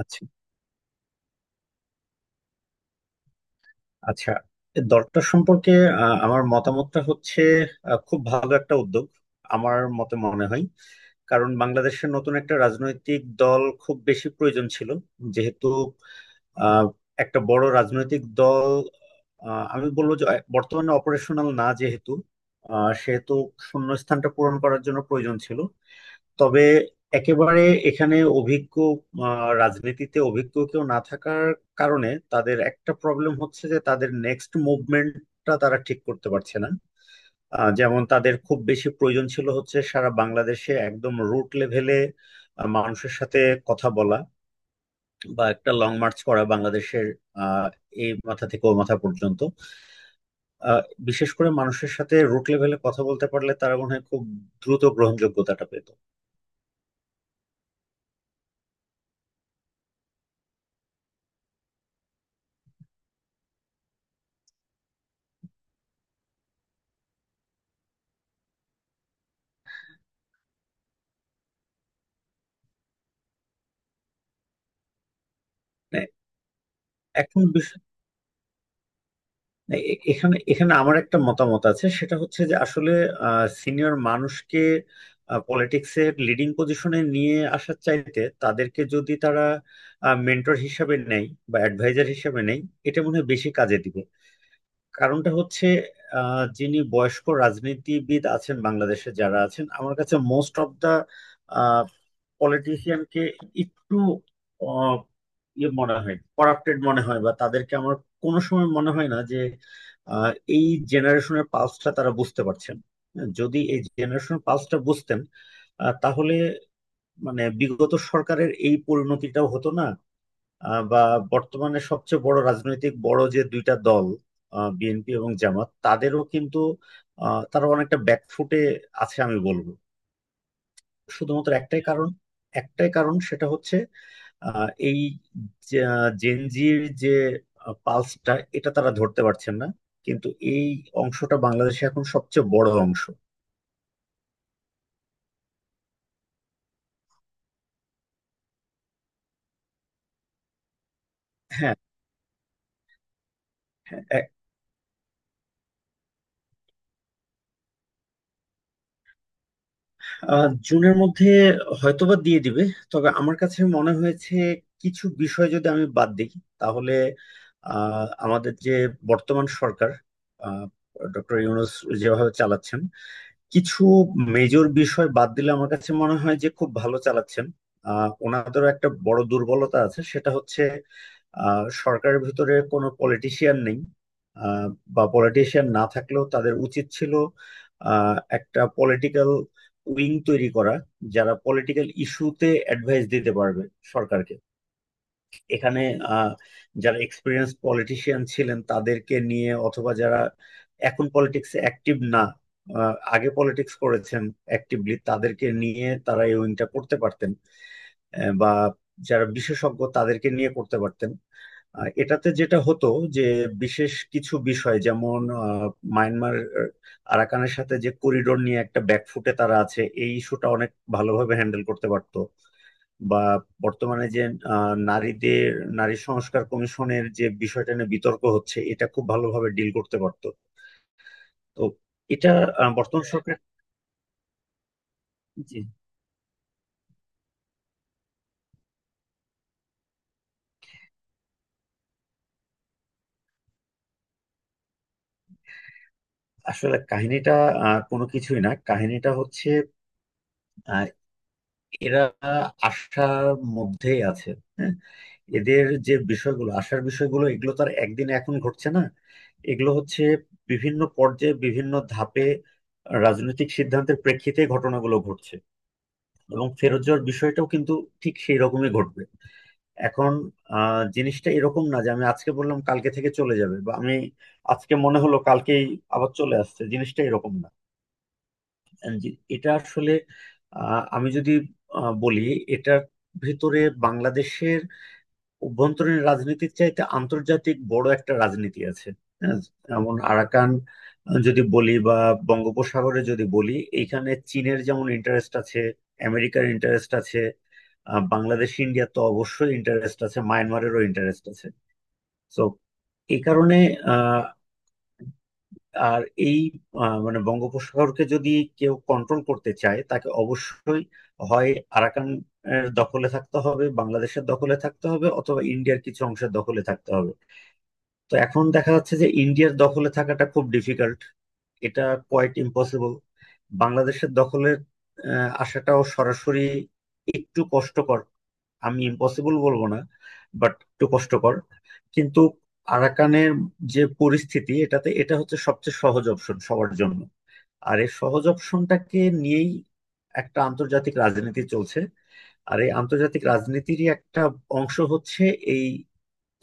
আচ্ছা। আচ্ছা এই দলটা সম্পর্কে, আমার মতামতটা হচ্ছে খুব ভালো একটা উদ্যোগ আমার মতে মনে হয়। কারণ বাংলাদেশের নতুন একটা রাজনৈতিক দল খুব বেশি প্রয়োজন ছিল, যেহেতু আহ, একটা বড় রাজনৈতিক দল, আমি বলবো যে বর্তমানে অপারেশনাল না, যেহেতু সেহেতু শূন্যস্থানটা পূরণ করার জন্য প্রয়োজন ছিল। তবে একেবারে এখানে অভিজ্ঞ, রাজনীতিতে অভিজ্ঞ কেউ না থাকার কারণে তাদের একটা প্রবলেম হচ্ছে যে তাদের নেক্সট মুভমেন্টটা তারা ঠিক করতে পারছে না। যেমন তাদের খুব বেশি প্রয়োজন ছিল হচ্ছে সারা বাংলাদেশে একদম রুট লেভেলে মানুষের সাথে কথা বলা বা একটা লং মার্চ করা বাংলাদেশের আহ, এই মাথা থেকে ও মাথা পর্যন্ত। আহ, বিশেষ করে মানুষের সাথে রুট লেভেলে কথা বলতে পারলে তারা মনে হয় খুব দ্রুত গ্রহণযোগ্যতাটা পেত। মানে এখন না, এ- এখানে এখানে আমার একটা মতামত আছে, সেটা হচ্ছে যে আসলে সিনিয়র মানুষকে পলিটিক্সের লিডিং পজিশনে নিয়ে আসার চাইতে তাদেরকে যদি তারা মেন্টর হিসাবে নেয় বা অ্যাডভাইজার হিসাবে নেয়, এটা মনে হয় বেশি কাজে দিবে। কারণটা হচ্ছে, যিনি বয়স্ক রাজনীতিবিদ আছেন বাংলাদেশে, যারা আছেন, আমার কাছে মোস্ট অফ দা পলিটিশিয়ানকে একটু আহ, ইয়ে মনে হয়, করাপ্টেড মনে হয় বা তাদেরকে আমার কোনো সময় মনে হয় না যে আহ, এই জেনারেশনের পালসটা তারা বুঝতে পারছেন। হ্যাঁ, যদি এই জেনারেশনের পালসটা বুঝতেন, তাহলে মানে বিগত সরকারের এই পরিণতিটাও হতো না। বা বর্তমানে সবচেয়ে বড় রাজনৈতিক বড় যে দুইটা দল বিএনপি এবং জামাত, তাদেরও কিন্তু তারা অনেকটা ব্যাকফুটে আছে আমি বলবো। শুধুমাত্র একটাই কারণ, একটাই কারণ, সেটা হচ্ছে এই জেনজির যে পালসটা, এটা তারা ধরতে পারছেন না। কিন্তু এই অংশটা বাংলাদেশে এখন সবচেয়ে বড় অংশ। হ্যাঁ হ্যাঁ। জুনের মধ্যে হয়তোবা দিয়ে দিবে। তবে আমার কাছে মনে হয়েছে কিছু বিষয় যদি আমি বাদ দিই, তাহলে আমাদের যে বর্তমান সরকার, ডক্টর ইউনূস যেভাবে চালাচ্ছেন, কিছু মেজর বিষয় বাদ দিলে আমার কাছে মনে হয় যে খুব ভালো চালাচ্ছেন। ওনাদেরও একটা বড় দুর্বলতা আছে, সেটা হচ্ছে সরকারের ভিতরে কোনো পলিটিশিয়ান নেই। আহ, বা পলিটিশিয়ান না থাকলেও তাদের উচিত ছিল একটা পলিটিক্যাল উইং তৈরি করা, যারা পলিটিক্যাল ইস্যুতে অ্যাডভাইস দিতে পারবে সরকারকে। এখানে আহ, যারা এক্সপিরিয়েন্স পলিটিশিয়ান ছিলেন তাদেরকে নিয়ে, অথবা যারা এখন পলিটিক্সে অ্যাক্টিভ না, আগে পলিটিক্স করেছেন অ্যাক্টিভলি, তাদেরকে নিয়ে তারা এই উইংটা করতে পারতেন। বা যারা বিশেষজ্ঞ তাদেরকে নিয়ে করতে পারতেন। এটাতে যেটা হতো যে বিশেষ কিছু বিষয়, যেমন মায়ানমার, আরাকানের সাথে যে করিডোর নিয়ে একটা ব্যাকফুটে তারা আছে, এই ইস্যুটা অনেক ভালোভাবে হ্যান্ডেল করতে পারতো। বা বর্তমানে যে আহ, নারীদের নারী সংস্কার কমিশনের যে বিষয়টা নিয়ে বিতর্ক হচ্ছে, এটা খুব ভালোভাবে ডিল করতে পারতো। তো এটা বর্তমান সরকার। জি, আসলে কাহিনীটা কোনো কিছুই না, কাহিনীটা হচ্ছে আহ, এরা আশার মধ্যেই আছে। হ্যাঁ, এদের যে বিষয়গুলো, আশার বিষয়গুলো এগুলো তো আর একদিনে এখন ঘটছে না। এগুলো হচ্ছে বিভিন্ন পর্যায়ে বিভিন্ন ধাপে রাজনৈতিক সিদ্ধান্তের প্রেক্ষিতে ঘটনাগুলো ঘটছে। এবং ফেরত যাওয়ার বিষয়টাও কিন্তু ঠিক সেই রকমই ঘটবে। এখন জিনিসটা এরকম না যে আমি আজকে বললাম কালকে থেকে চলে যাবে, বা আমি আজকে মনে হলো কালকেই আবার চলে আসছে, জিনিসটা এরকম না। এটা আসলে আমি যদি বলি, এটার ভেতরে বাংলাদেশের অভ্যন্তরীণ রাজনীতির চাইতে আন্তর্জাতিক বড় একটা রাজনীতি আছে। হ্যাঁ, যেমন আরাকান যদি বলি বা বঙ্গোপসাগরে যদি বলি, এইখানে চীনের যেমন ইন্টারেস্ট আছে, আমেরিকার ইন্টারেস্ট আছে, বাংলাদেশ ইন্ডিয়ার তো অবশ্যই ইন্টারেস্ট আছে, মায়ানমারেরও ইন্টারেস্ট আছে। তো এই কারণে আহ আর এই মানে বঙ্গোপসাগরকে যদি কেউ কন্ট্রোল করতে চায়, তাকে অবশ্যই হয় আরাকান এর দখলে থাকতে হবে, বাংলাদেশের দখলে থাকতে হবে, অথবা ইন্ডিয়ার কিছু অংশের দখলে থাকতে হবে। তো এখন দেখা যাচ্ছে যে ইন্ডিয়ার দখলে থাকাটা খুব ডিফিকাল্ট, এটা কোয়াইট ইম্পসিবল। বাংলাদেশের দখলে আসাটাও সরাসরি একটু কষ্টকর। আমি ইম্পসিবল বলবো না, বাট একটু কষ্টকর। কিন্তু আরাকানের যে পরিস্থিতি, এটাতে এটা হচ্ছে সবচেয়ে সহজ অপশন সবার জন্য। আর এই সহজ অপশনটাকে নিয়েই একটা আন্তর্জাতিক রাজনীতি চলছে। আর এই আন্তর্জাতিক রাজনীতিরই একটা অংশ হচ্ছে এই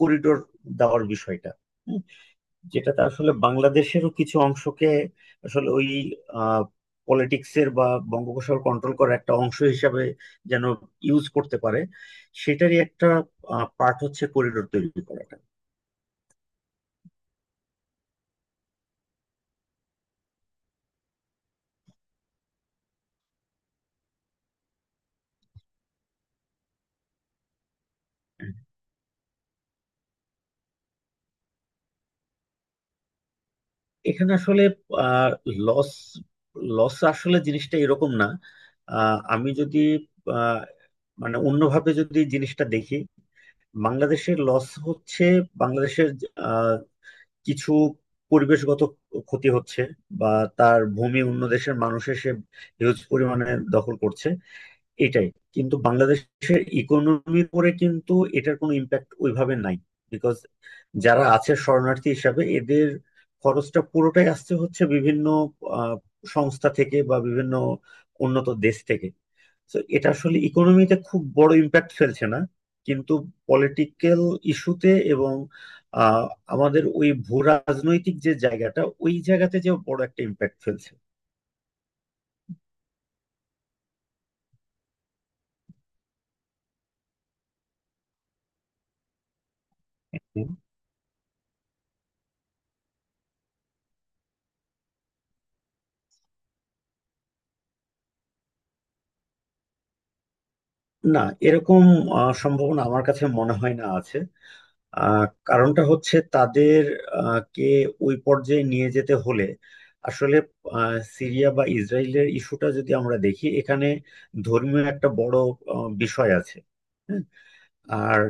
করিডোর দেওয়ার বিষয়টা, যেটাতে আসলে বাংলাদেশেরও কিছু অংশকে, আসলে ওই পলিটিক্সের বা বঙ্গোপসাগর কন্ট্রোল করার একটা অংশ হিসাবে যেন ইউজ করতে পারে, সেটারই একটা পার্ট হচ্ছে করিডোর তৈরি করাটা। এখানে আসলে লস লস আসলে জিনিসটা এরকম না। আহ, আমি যদি আহ, মানে অন্যভাবে যদি জিনিসটা দেখি, বাংলাদেশের লস হচ্ছে বাংলাদেশের কিছু পরিবেশগত ক্ষতি হচ্ছে, বা তার ভূমি অন্য দেশের মানুষের সে হিউজ পরিমাণে দখল করছে, এটাই। কিন্তু বাংলাদেশের ইকোনমির উপরে কিন্তু এটার কোনো ইম্প্যাক্ট ওইভাবে নাই। বিকজ যারা আছে শরণার্থী হিসাবে, এদের খরচটা পুরোটাই আসছে হচ্ছে বিভিন্ন আহ, সংস্থা থেকে বা বিভিন্ন উন্নত দেশ থেকে। তো এটা আসলে ইকোনমিতে খুব বড় ইম্প্যাক্ট ফেলছে না। কিন্তু পলিটিক্যাল ইস্যুতে এবং আহ, আমাদের ওই ভূ রাজনৈতিক যে জায়গাটা, ওই জায়গাতে যে বড় একটা ইম্প্যাক্ট ফেলছে। হুম। না, এরকম সম্ভাবনা আমার কাছে মনে হয় না আছে। কারণটা হচ্ছে তাদের কে ওই পর্যায়ে নিয়ে যেতে হলে আসলে, সিরিয়া বা ইসরায়েলের ইস্যুটা যদি আমরা দেখি, এখানে ধর্মীয় একটা বড় বিষয় আছে। হ্যাঁ। আর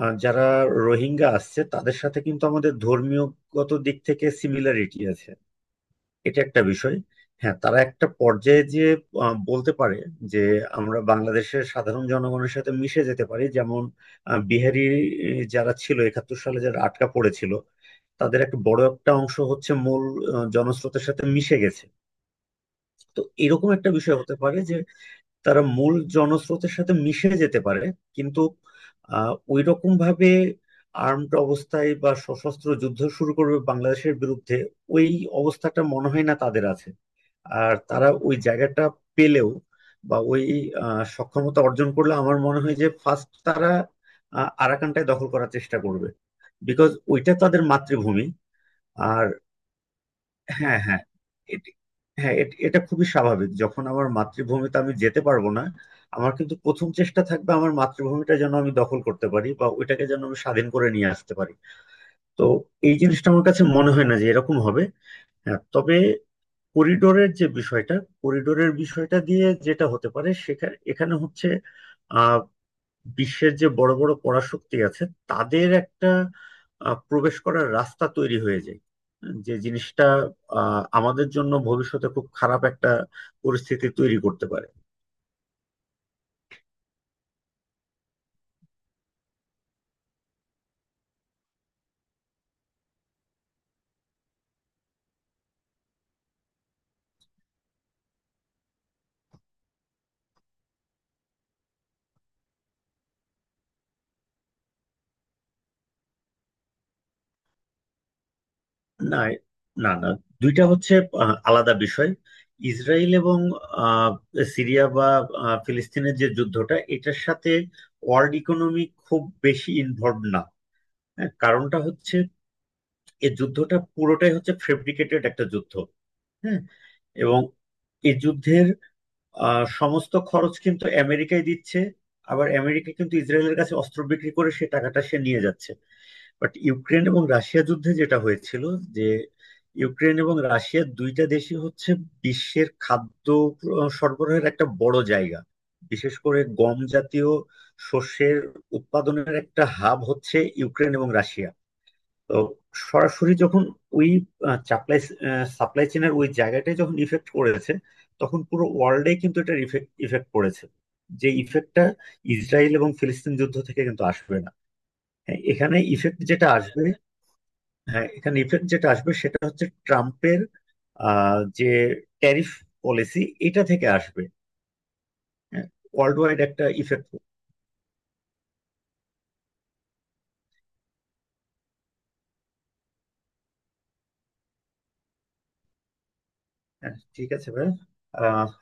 যারা রোহিঙ্গা আসছে তাদের সাথে কিন্তু আমাদের ধর্মীয়গত দিক থেকে সিমিলারিটি আছে, এটা একটা বিষয়। হ্যাঁ, তারা একটা পর্যায়ে যে বলতে পারে যে আমরা বাংলাদেশের সাধারণ জনগণের সাথে মিশে যেতে পারি, যেমন বিহারি যারা ছিল একাত্তর সালে, যারা আটকা পড়েছিল, তাদের একটা বড় একটা অংশ হচ্ছে মূল জনস্রোতের সাথে মিশে গেছে। তো এরকম একটা বিষয় হতে পারে যে তারা মূল জনস্রোতের সাথে মিশে যেতে পারে। কিন্তু ওই রকম ভাবে আর্মড অবস্থায় বা সশস্ত্র যুদ্ধ শুরু করবে বাংলাদেশের বিরুদ্ধে, ওই অবস্থাটা মনে হয় না তাদের আছে। আর তারা ওই জায়গাটা পেলেও, বা ওই সক্ষমতা অর্জন করলে, আমার মনে হয় যে ফার্স্ট তারা আরাকানটায় দখল করার চেষ্টা করবে, বিকজ ওইটা তাদের মাতৃভূমি। আর হ্যাঁ, হ্যাঁ। এটি- হ্যাঁ, এটা খুবই স্বাভাবিক, যখন আমার মাতৃভূমিতে আমি যেতে পারবো না, আমার কিন্তু প্রথম চেষ্টা থাকবে আমার মাতৃভূমিটা যেন আমি দখল করতে পারি, বা ওইটাকে যেন আমি স্বাধীন করে নিয়ে আসতে পারি। তো এই জিনিসটা আমার কাছে মনে হয় না যে এরকম হবে। হ্যাঁ, তবে করিডোরের যে বিষয়টা, করিডোরের বিষয়টা দিয়ে যেটা হতে পারে, সেখানে এখানে হচ্ছে বিশ্বের যে বড় বড় পরাশক্তি আছে, তাদের একটা প্রবেশ করার রাস্তা তৈরি হয়ে যায়, যে জিনিসটা আমাদের জন্য ভবিষ্যতে খুব খারাপ একটা পরিস্থিতি তৈরি করতে পারে। না, না, না, দুইটা হচ্ছে আলাদা বিষয়। ইসরায়েল এবং আহ, সিরিয়া বা ফিলিস্তিনের যে যুদ্ধটা, এটার সাথে ওয়ার্ল্ড ইকোনমি খুব বেশি ইনভলভ না। হ্যাঁ, কারণটা হচ্ছে এই যুদ্ধটা পুরোটাই হচ্ছে ফেব্রিকেটেড একটা যুদ্ধ। হ্যাঁ। এবং এই যুদ্ধের সমস্ত খরচ কিন্তু আমেরিকায় দিচ্ছে, আবার আমেরিকা কিন্তু ইসরায়েলের কাছে অস্ত্র বিক্রি করে সে টাকাটা সে নিয়ে যাচ্ছে। বাট ইউক্রেন এবং রাশিয়া যুদ্ধে যেটা হয়েছিল যে ইউক্রেন এবং রাশিয়া দুইটা দেশই হচ্ছে বিশ্বের খাদ্য সরবরাহের একটা বড় জায়গা। বিশেষ করে গম জাতীয় শস্যের উৎপাদনের একটা হাব হচ্ছে ইউক্রেন এবং রাশিয়া। তো সরাসরি যখন ওই সাপ্লাই সাপ্লাই চেনের ওই জায়গাটায় যখন ইফেক্ট করেছে, তখন পুরো ওয়ার্ল্ডে কিন্তু এটা ইফেক্ট ইফেক্ট পড়েছে। যে ইফেক্টটা ইসরায়েল এবং ফিলিস্তিন যুদ্ধ থেকে কিন্তু আসবে না। হ্যাঁ এখানে ইফেক্ট যেটা আসবে হ্যাঁ, এখানে ইফেক্ট যেটা আসবে সেটা হচ্ছে ট্রাম্পের যে ট্যারিফ পলিসি, এটা থেকে আসবে। হ্যাঁ, ওয়ার্ল্ড ওয়াইড একটা ইফেক্ট। হ্যাঁ, ঠিক আছে ভাই। আহ,